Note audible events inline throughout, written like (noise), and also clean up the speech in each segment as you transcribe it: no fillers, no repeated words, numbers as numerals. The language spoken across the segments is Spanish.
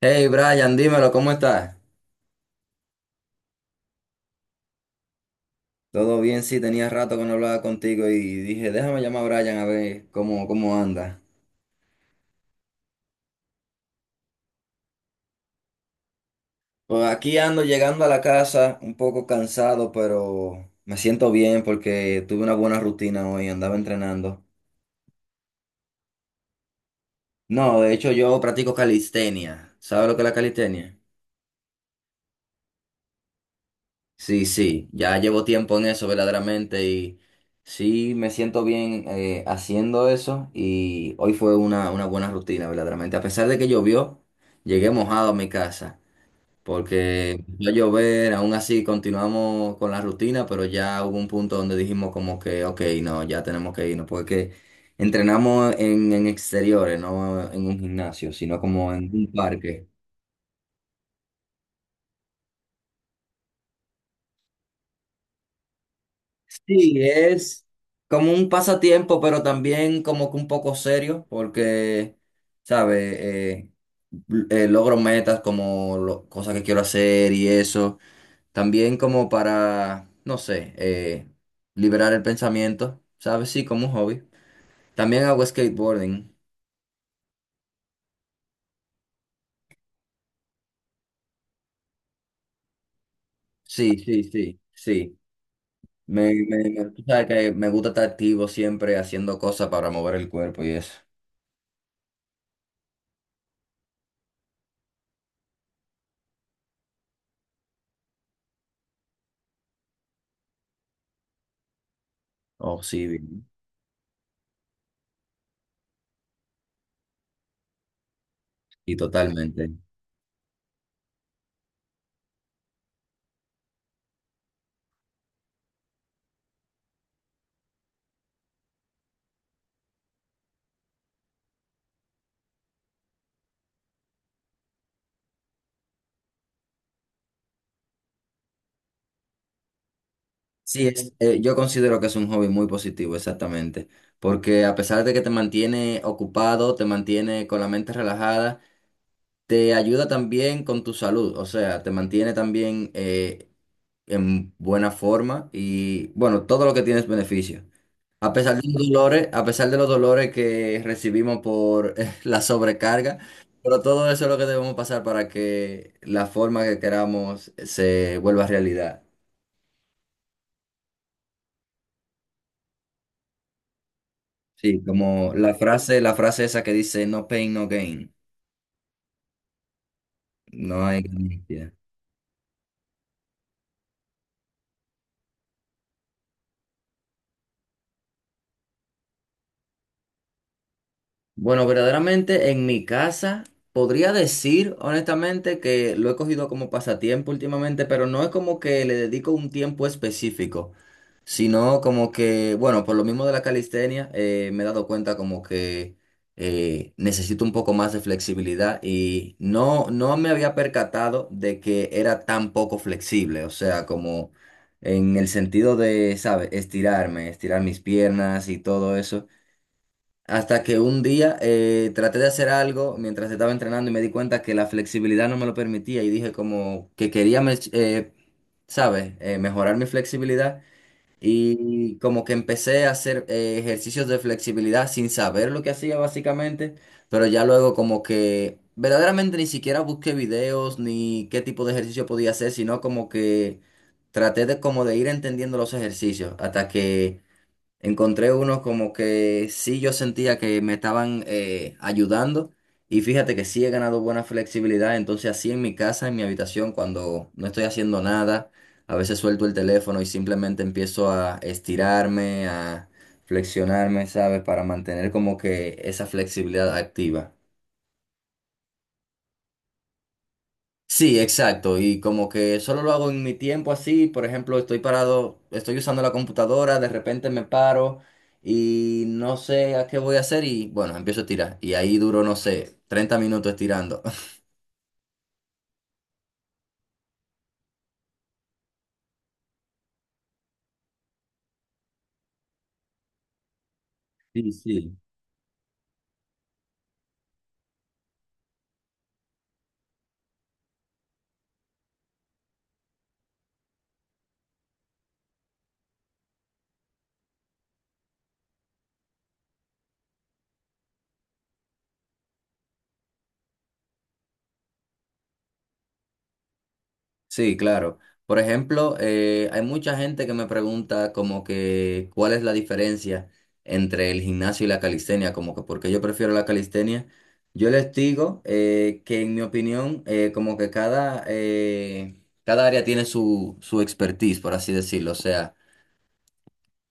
Hey Brian, dímelo, ¿cómo estás? Todo bien, sí, tenía rato que no hablaba contigo y dije, déjame llamar a Brian a ver cómo anda. Pues aquí ando llegando a la casa, un poco cansado, pero me siento bien porque tuve una buena rutina hoy, andaba entrenando. No, de hecho yo practico calistenia. ¿Sabes lo que es la calistenia? Sí, sí, ya llevo tiempo en eso verdaderamente y sí me siento bien haciendo eso y hoy fue una buena rutina verdaderamente. A pesar de que llovió, llegué mojado a mi casa porque empezó a llover, aún así continuamos con la rutina, pero ya hubo un punto donde dijimos como que, ok, no, ya tenemos que irnos porque entrenamos en exteriores, no en un gimnasio, sino como en un parque. Sí, es como un pasatiempo, pero también como que un poco serio, porque, ¿sabes? Logro metas como cosas que quiero hacer y eso. También como para, no sé, liberar el pensamiento, ¿sabes? Sí, como un hobby. También hago skateboarding. Sí, sí, sí, sí. Tú sabes que me gusta estar activo siempre haciendo cosas para mover el cuerpo y eso. Oh, sí, bien. Y totalmente. Yo considero que es un hobby muy positivo, exactamente, porque a pesar de que te mantiene ocupado, te mantiene con la mente relajada, te ayuda también con tu salud, o sea, te mantiene también en buena forma y bueno, todo lo que tienes beneficio. A pesar de los dolores, a pesar de los dolores que recibimos por (laughs) la sobrecarga, pero todo eso es lo que debemos pasar para que la forma que queramos se vuelva realidad. Sí, como la frase esa que dice no pain, no gain. No hay ganancia. Bueno, verdaderamente en mi casa podría decir honestamente que lo he cogido como pasatiempo últimamente, pero no es como que le dedico un tiempo específico. Sino como que, bueno, por lo mismo de la calistenia, me he dado cuenta como que necesito un poco más de flexibilidad y no me había percatado de que era tan poco flexible, o sea, como en el sentido de, ¿sabes? Estirarme, estirar mis piernas y todo eso. Hasta que un día traté de hacer algo mientras estaba entrenando y me di cuenta que la flexibilidad no me lo permitía y dije como que ¿sabes? Mejorar mi flexibilidad. Y como que empecé a hacer ejercicios de flexibilidad sin saber lo que hacía básicamente, pero ya luego como que verdaderamente ni siquiera busqué videos ni qué tipo de ejercicio podía hacer, sino como que traté de como de ir entendiendo los ejercicios hasta que encontré unos como que sí yo sentía que me estaban ayudando y fíjate que sí he ganado buena flexibilidad, entonces así en mi casa, en mi habitación, cuando no estoy haciendo nada, a veces suelto el teléfono y simplemente empiezo a estirarme, a flexionarme, ¿sabes? Para mantener como que esa flexibilidad activa. Sí, exacto. Y como que solo lo hago en mi tiempo así. Por ejemplo, estoy parado, estoy usando la computadora, de repente me paro y no sé a qué voy a hacer y bueno, empiezo a tirar. Y ahí duro, no sé, 30 minutos tirando. (laughs) Sí, sí. Sí, claro. Por ejemplo, hay mucha gente que me pregunta como que cuál es la diferencia entre el gimnasio y la calistenia, como que por qué yo prefiero la calistenia. Yo les digo que en mi opinión, cada área tiene su expertise, por así decirlo. O sea,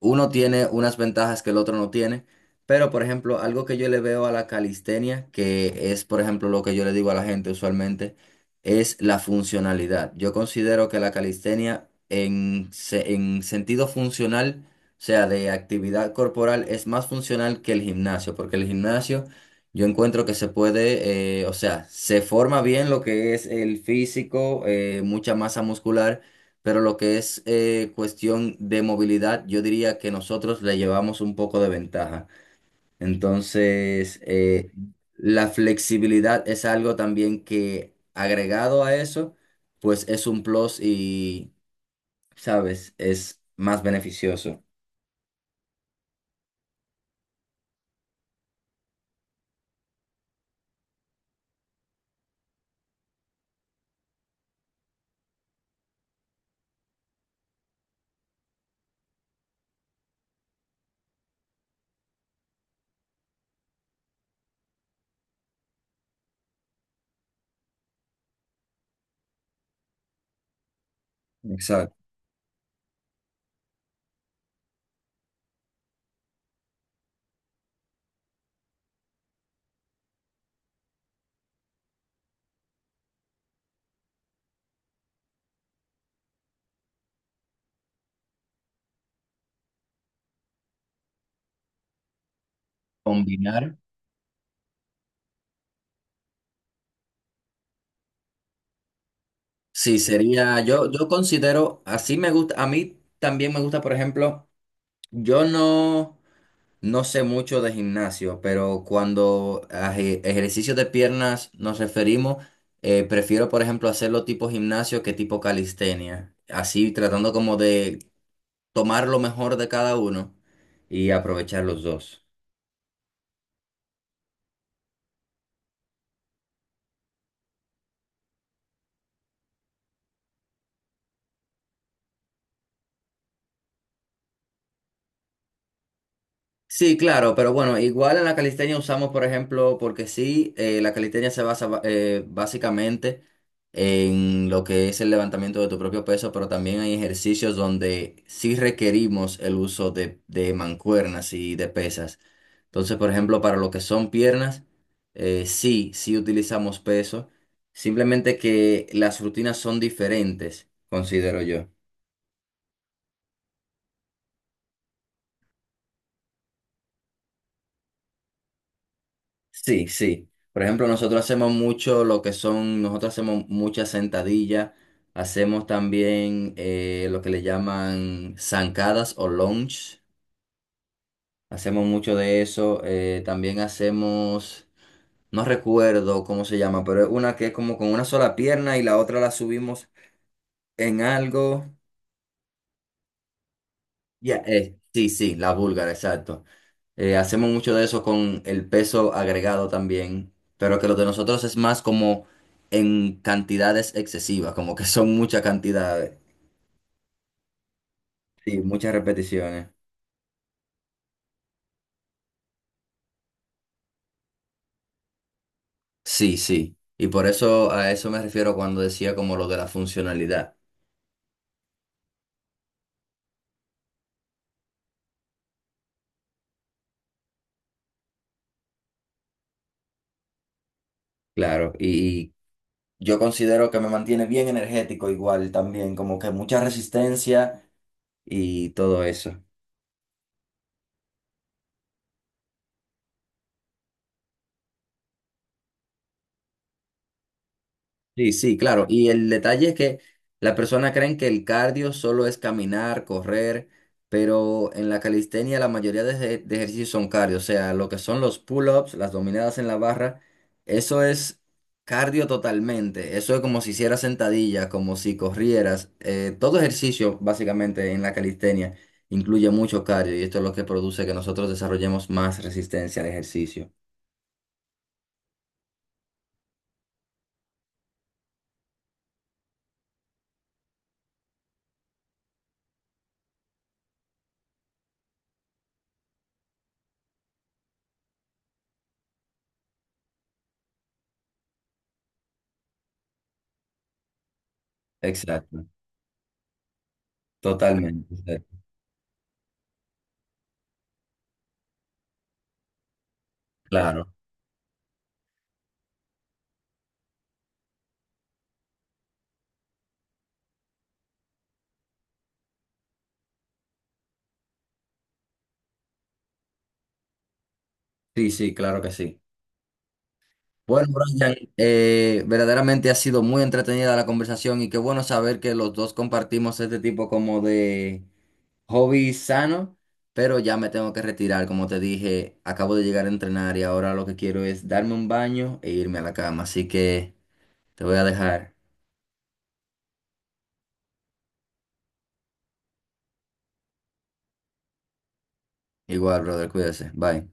uno tiene unas ventajas que el otro no tiene, pero por ejemplo, algo que yo le veo a la calistenia, que es por ejemplo lo que yo le digo a la gente usualmente, es la funcionalidad. Yo considero que la calistenia en sentido funcional, o sea, de actividad corporal, es más funcional que el gimnasio, porque el gimnasio yo encuentro que se puede, o sea, se forma bien lo que es el físico, mucha masa muscular pero lo que es cuestión de movilidad, yo diría que nosotros le llevamos un poco de ventaja. Entonces, la flexibilidad es algo también que agregado a eso, pues es un plus y, ¿sabes? Es más beneficioso. Exacto. Combinar. Sí, sería, yo considero, así me gusta, a mí también me gusta, por ejemplo, yo no... No sé mucho de gimnasio, pero cuando a ejercicios de piernas nos referimos, prefiero, por ejemplo, hacerlo tipo gimnasio que tipo calistenia. Así tratando como de tomar lo mejor de cada uno y aprovechar los dos. Sí, claro, pero bueno, igual en la calistenia usamos, por ejemplo, porque sí, la calistenia se basa básicamente en lo que es el levantamiento de tu propio peso, pero también hay ejercicios donde sí requerimos el uso de mancuernas y de pesas. Entonces, por ejemplo, para lo que son piernas, sí utilizamos peso, simplemente que las rutinas son diferentes, considero yo. Sí, sí. Por ejemplo, nosotros hacemos muchas sentadillas, hacemos también lo que le llaman zancadas o lunge, hacemos mucho de eso, también hacemos, no recuerdo cómo se llama, pero es una que es como con una sola pierna y la otra la subimos en algo. Ya, sí, sí, la búlgara, exacto. Hacemos mucho de eso con el peso agregado también, pero que lo de nosotros es más como en cantidades excesivas, como que son muchas cantidades, sí, muchas repeticiones. Sí, sí. Y por eso a eso me refiero cuando decía como lo de la funcionalidad. Claro, y yo considero que me mantiene bien energético igual también, como que mucha resistencia y todo eso. Sí, sí, claro. Y el detalle es que las personas creen que el cardio solo es caminar, correr, pero en la calistenia la mayoría de ejercicios son cardio. O sea, lo que son los pull-ups, las dominadas en la barra, eso es cardio totalmente. Eso es como si hicieras sentadillas, como si corrieras. Todo ejercicio, básicamente, en la calistenia incluye mucho cardio y esto es lo que produce que nosotros desarrollemos más resistencia al ejercicio. Exacto, totalmente. Claro. Sí, sí, claro que sí. Bueno, Brian, verdaderamente ha sido muy entretenida la conversación y qué bueno saber que los dos compartimos este tipo como de hobby sano, pero ya me tengo que retirar, como te dije, acabo de llegar a entrenar y ahora lo que quiero es darme un baño e irme a la cama, así que te voy a dejar. Igual, brother, cuídese. Bye.